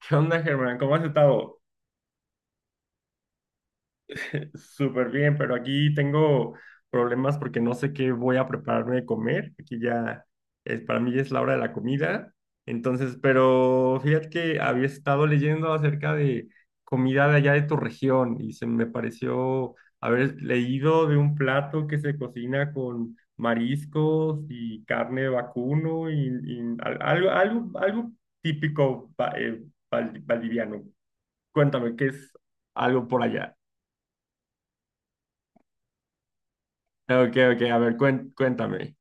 ¿Qué onda, Germán? ¿Cómo has estado? Súper bien, pero aquí tengo problemas porque no sé qué voy a prepararme de comer. Aquí ya es, para mí ya es la hora de la comida. Entonces, pero fíjate que había estado leyendo acerca de comida de allá de tu región y se me pareció haber leído de un plato que se cocina con mariscos y carne de vacuno y algo típico valdiviano. Cuéntame, ¿qué es algo por allá? Ok, ok, a ver, cuéntame.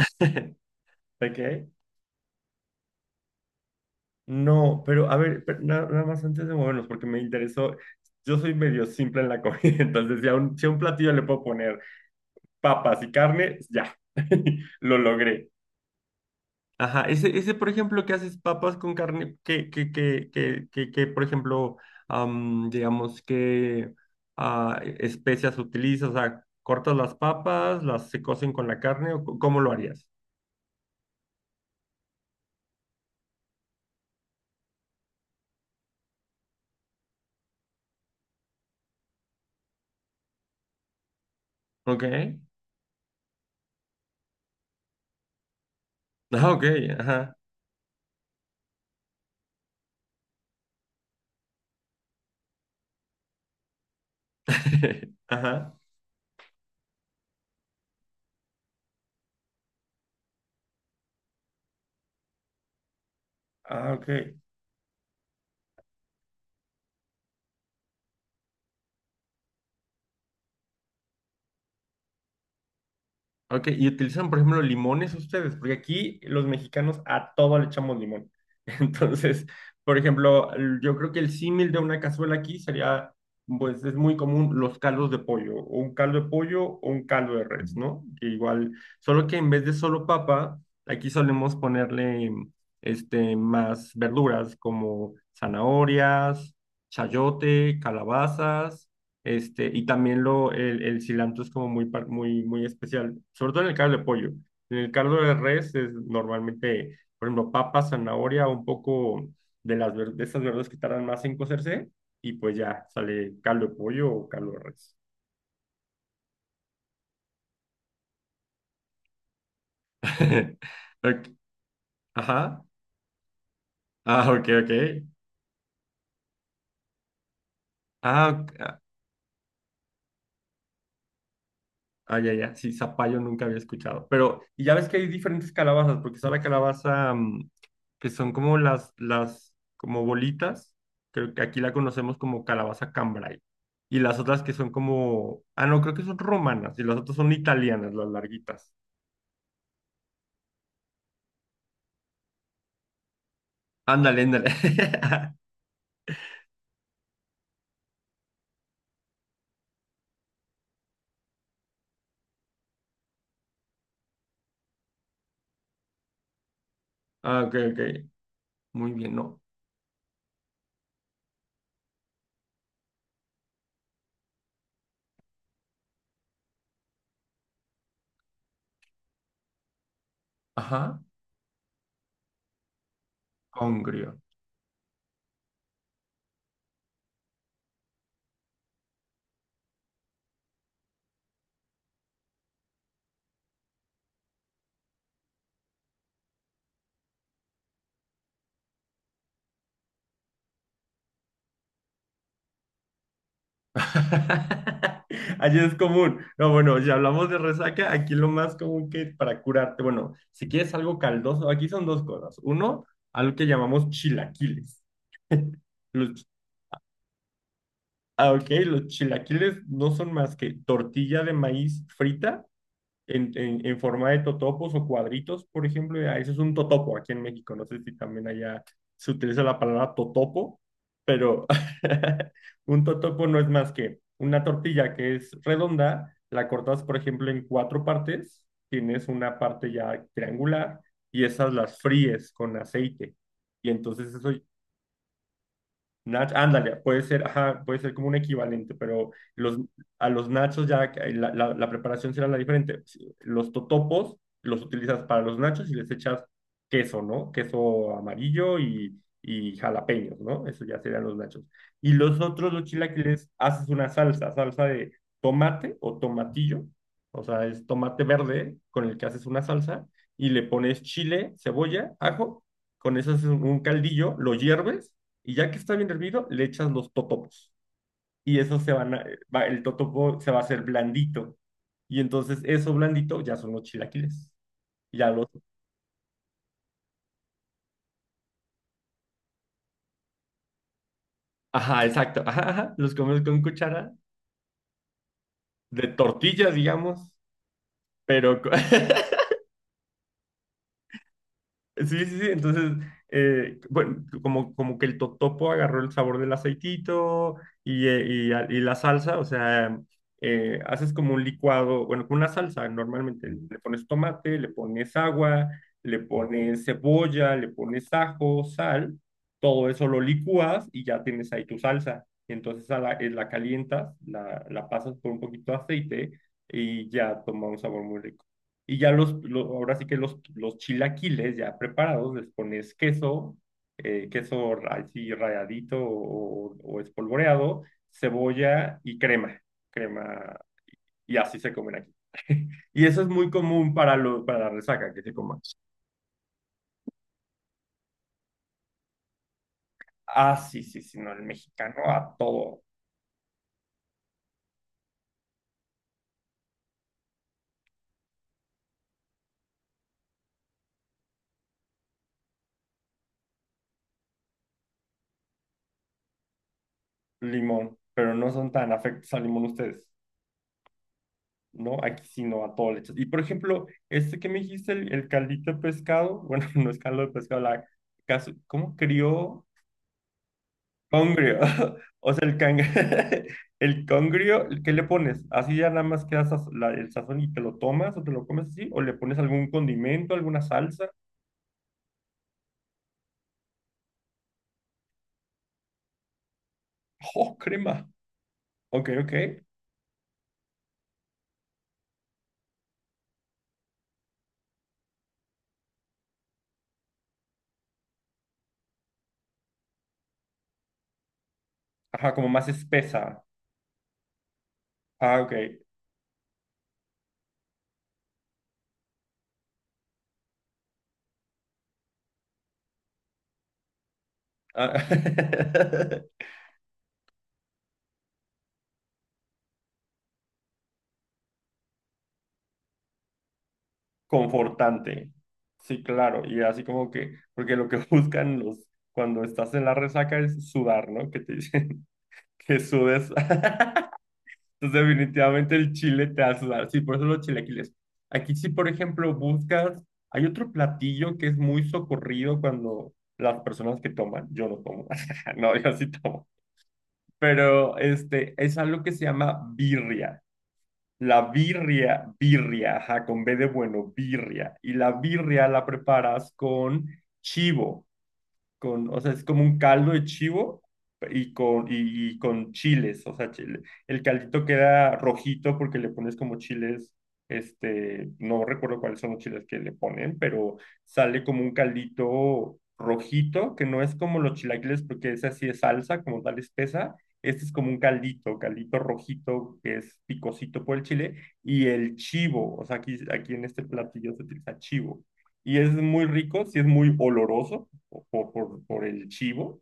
¿De No, pero a ver, pero nada más antes de movernos, porque me interesó. Yo soy medio simple en la comida, entonces si a un platillo le puedo poner papas y carne, ya, lo logré. Ajá, ese, por ejemplo, que haces papas con carne, por ejemplo, digamos que especias utilizas, o sea, cortas las papas, las se cocen con la carne, ¿cómo lo harías? Ok. Ah, ok, ajá. Ajá. Ah, ok. Ok, y utilizan, por ejemplo, limones ustedes, porque aquí los mexicanos a todo le echamos limón. Entonces, por ejemplo, yo creo que el símil de una cazuela aquí sería, pues es muy común los caldos de pollo, o un caldo de pollo o un caldo de res, ¿no? Que igual, solo que en vez de solo papa, aquí solemos ponerle este, más verduras como zanahorias, chayote, calabazas. Este, y también el cilantro es como muy, muy, muy especial, sobre todo en el caldo de pollo. En el caldo de res es normalmente, por ejemplo, papa, zanahoria, un poco de esas verduras que tardan más en cocerse, y pues ya sale caldo de pollo o caldo de res. Ok, ajá. Ah, ok, ok. Ah, ok. Ah, ya, ya, sí, zapallo nunca había escuchado. Pero, y ya ves que hay diferentes calabazas, porque está la calabaza que son como como bolitas, creo que aquí la conocemos como calabaza cambray. Y las otras que son como, ah, no, creo que son romanas, y las otras son italianas, las larguitas. Ándale, ándale. Ah, ok, ok, muy bien, ¿no? Ajá, congrio. Allí es común. No, bueno, si hablamos de resaca, aquí lo más común que para curarte, bueno, si quieres algo caldoso, aquí son dos cosas. Uno, algo que llamamos chilaquiles. Los, ah, ok, los chilaquiles no son más que tortilla de maíz frita en forma de totopos o cuadritos, por ejemplo, ya, eso es un totopo aquí en México. No sé si también allá se utiliza la palabra totopo, pero un totopo no es más que una tortilla que es redonda, la cortas, por ejemplo, en cuatro partes, tienes una parte ya triangular y esas las fríes con aceite. Y entonces eso ándale, puede ser, ajá, puede ser como un equivalente, pero los, a los nachos ya que la preparación será la diferente. Si- los totopos los utilizas para los nachos y les echas queso, ¿no? Queso amarillo y jalapeños, ¿no? Eso ya serían los nachos. Y los otros, los chilaquiles, haces una salsa, salsa de tomate o tomatillo, o sea, es tomate verde con el que haces una salsa y le pones chile, cebolla, ajo, con eso haces un caldillo, lo hierves y ya que está bien hervido, le echas los totopos. Y eso se van a- va- el totopo se va a hacer blandito. Y entonces eso blandito ya son los chilaquiles. Ya los... Ajá, exacto. Ajá, ajá. Los comes con cuchara de tortilla, digamos, pero... co- Sí, sí, sí. Entonces, bueno, como, como que el totopo agarró el sabor del aceitito y la salsa, o sea, haces como un licuado, bueno, con una salsa, normalmente le pones tomate, le pones agua, le pones cebolla, le pones ajo, sal, todo eso lo licúas y ya tienes ahí tu salsa. Entonces a la, la calientas, la pasas por un poquito de aceite y ya toma un sabor muy rico. Y ya ahora sí que los chilaquiles ya preparados, les pones queso, así ralladito o espolvoreado, cebolla y crema, crema, y así se comen aquí. Y eso es muy común para, lo, para la resaca, que se coman Ah, sí, sí, sí, no, el mexicano a todo limón, pero no son tan afectos al limón ustedes. ¿No? Aquí sí no, a todo le echas. Y por ejemplo, este que me dijiste, el caldito de pescado, bueno, no es caldo de pescado, la casu- ¿cómo crió? Congrio. O sea, el cang... el congrio, ¿qué le pones? ¿Así ya nada más queda el sazón y te lo tomas o te lo comes así? ¿O le pones algún condimento, alguna salsa? ¡Oh, crema! Ok, ok. Ajá, como más espesa. Ah, ok. Ah. Confortante. Sí, claro. Y así como que, porque lo que buscan los, cuando estás en la resaca es sudar, ¿no? Que te dicen que sudes. Entonces, definitivamente el chile te hace sudar. Sí, por eso los chilaquiles. Aquí sí, por ejemplo, buscas, hay otro platillo que es muy socorrido cuando las personas que toman, yo no tomo. No, yo sí tomo. Pero este, es algo que se llama birria. La birria, birria, ajá, con B de bueno, birria. Y la birria la preparas con chivo con, o sea, es como un caldo de chivo y con chiles, o sea, chile. El caldito queda rojito porque le pones como chiles, este, no recuerdo cuáles son los chiles que le ponen, pero sale como un caldito rojito, que no es como los chilaquiles porque ese así es salsa, como tal espesa. Este es como un caldito, caldito rojito que es picosito por el chile y el chivo, o sea, aquí, aquí en este platillo se utiliza chivo y es muy rico, sí es muy oloroso, por el chivo,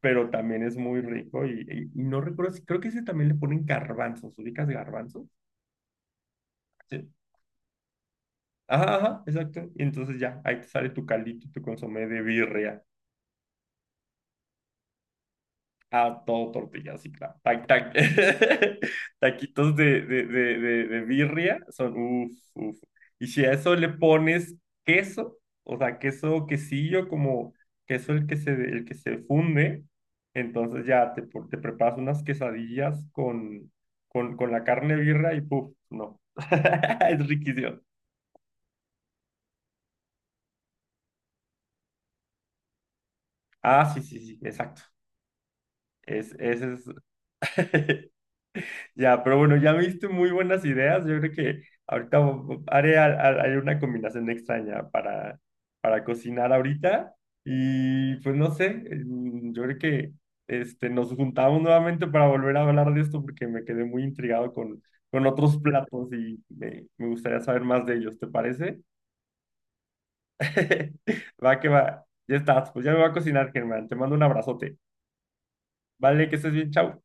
pero también es muy rico y no recuerdo, si- creo que ese también le ponen garbanzos, ¿ubicas garbanzos? Sí. Ajá, ajá, exacto. Y entonces ya, ahí te sale tu caldito y tu consomé de birria. Ah, todo tortillas, sí, claro. Ta- ta- Taquitos de birria son uff, uff. Y si a eso le pones queso, o sea, queso quesillo, como queso el que se funde, entonces ya te, por- te preparas unas quesadillas con la carne de birria y puff, no. Es riquísimo. Ah, sí, sí, sí, exacto. Es, ese es. Ya, pero bueno, ya me diste muy buenas ideas. Yo creo que ahorita vo- haré, al- al- haré una combinación extraña para cocinar ahorita. Y pues no sé, yo creo que este, nos juntamos nuevamente para volver a hablar de esto porque me quedé muy intrigado con otros platos y me gustaría saber más de ellos, ¿te parece? Va que va, ya estás, pues ya me va a cocinar, Germán. Te mando un abrazote. Vale, que estés bien, chao.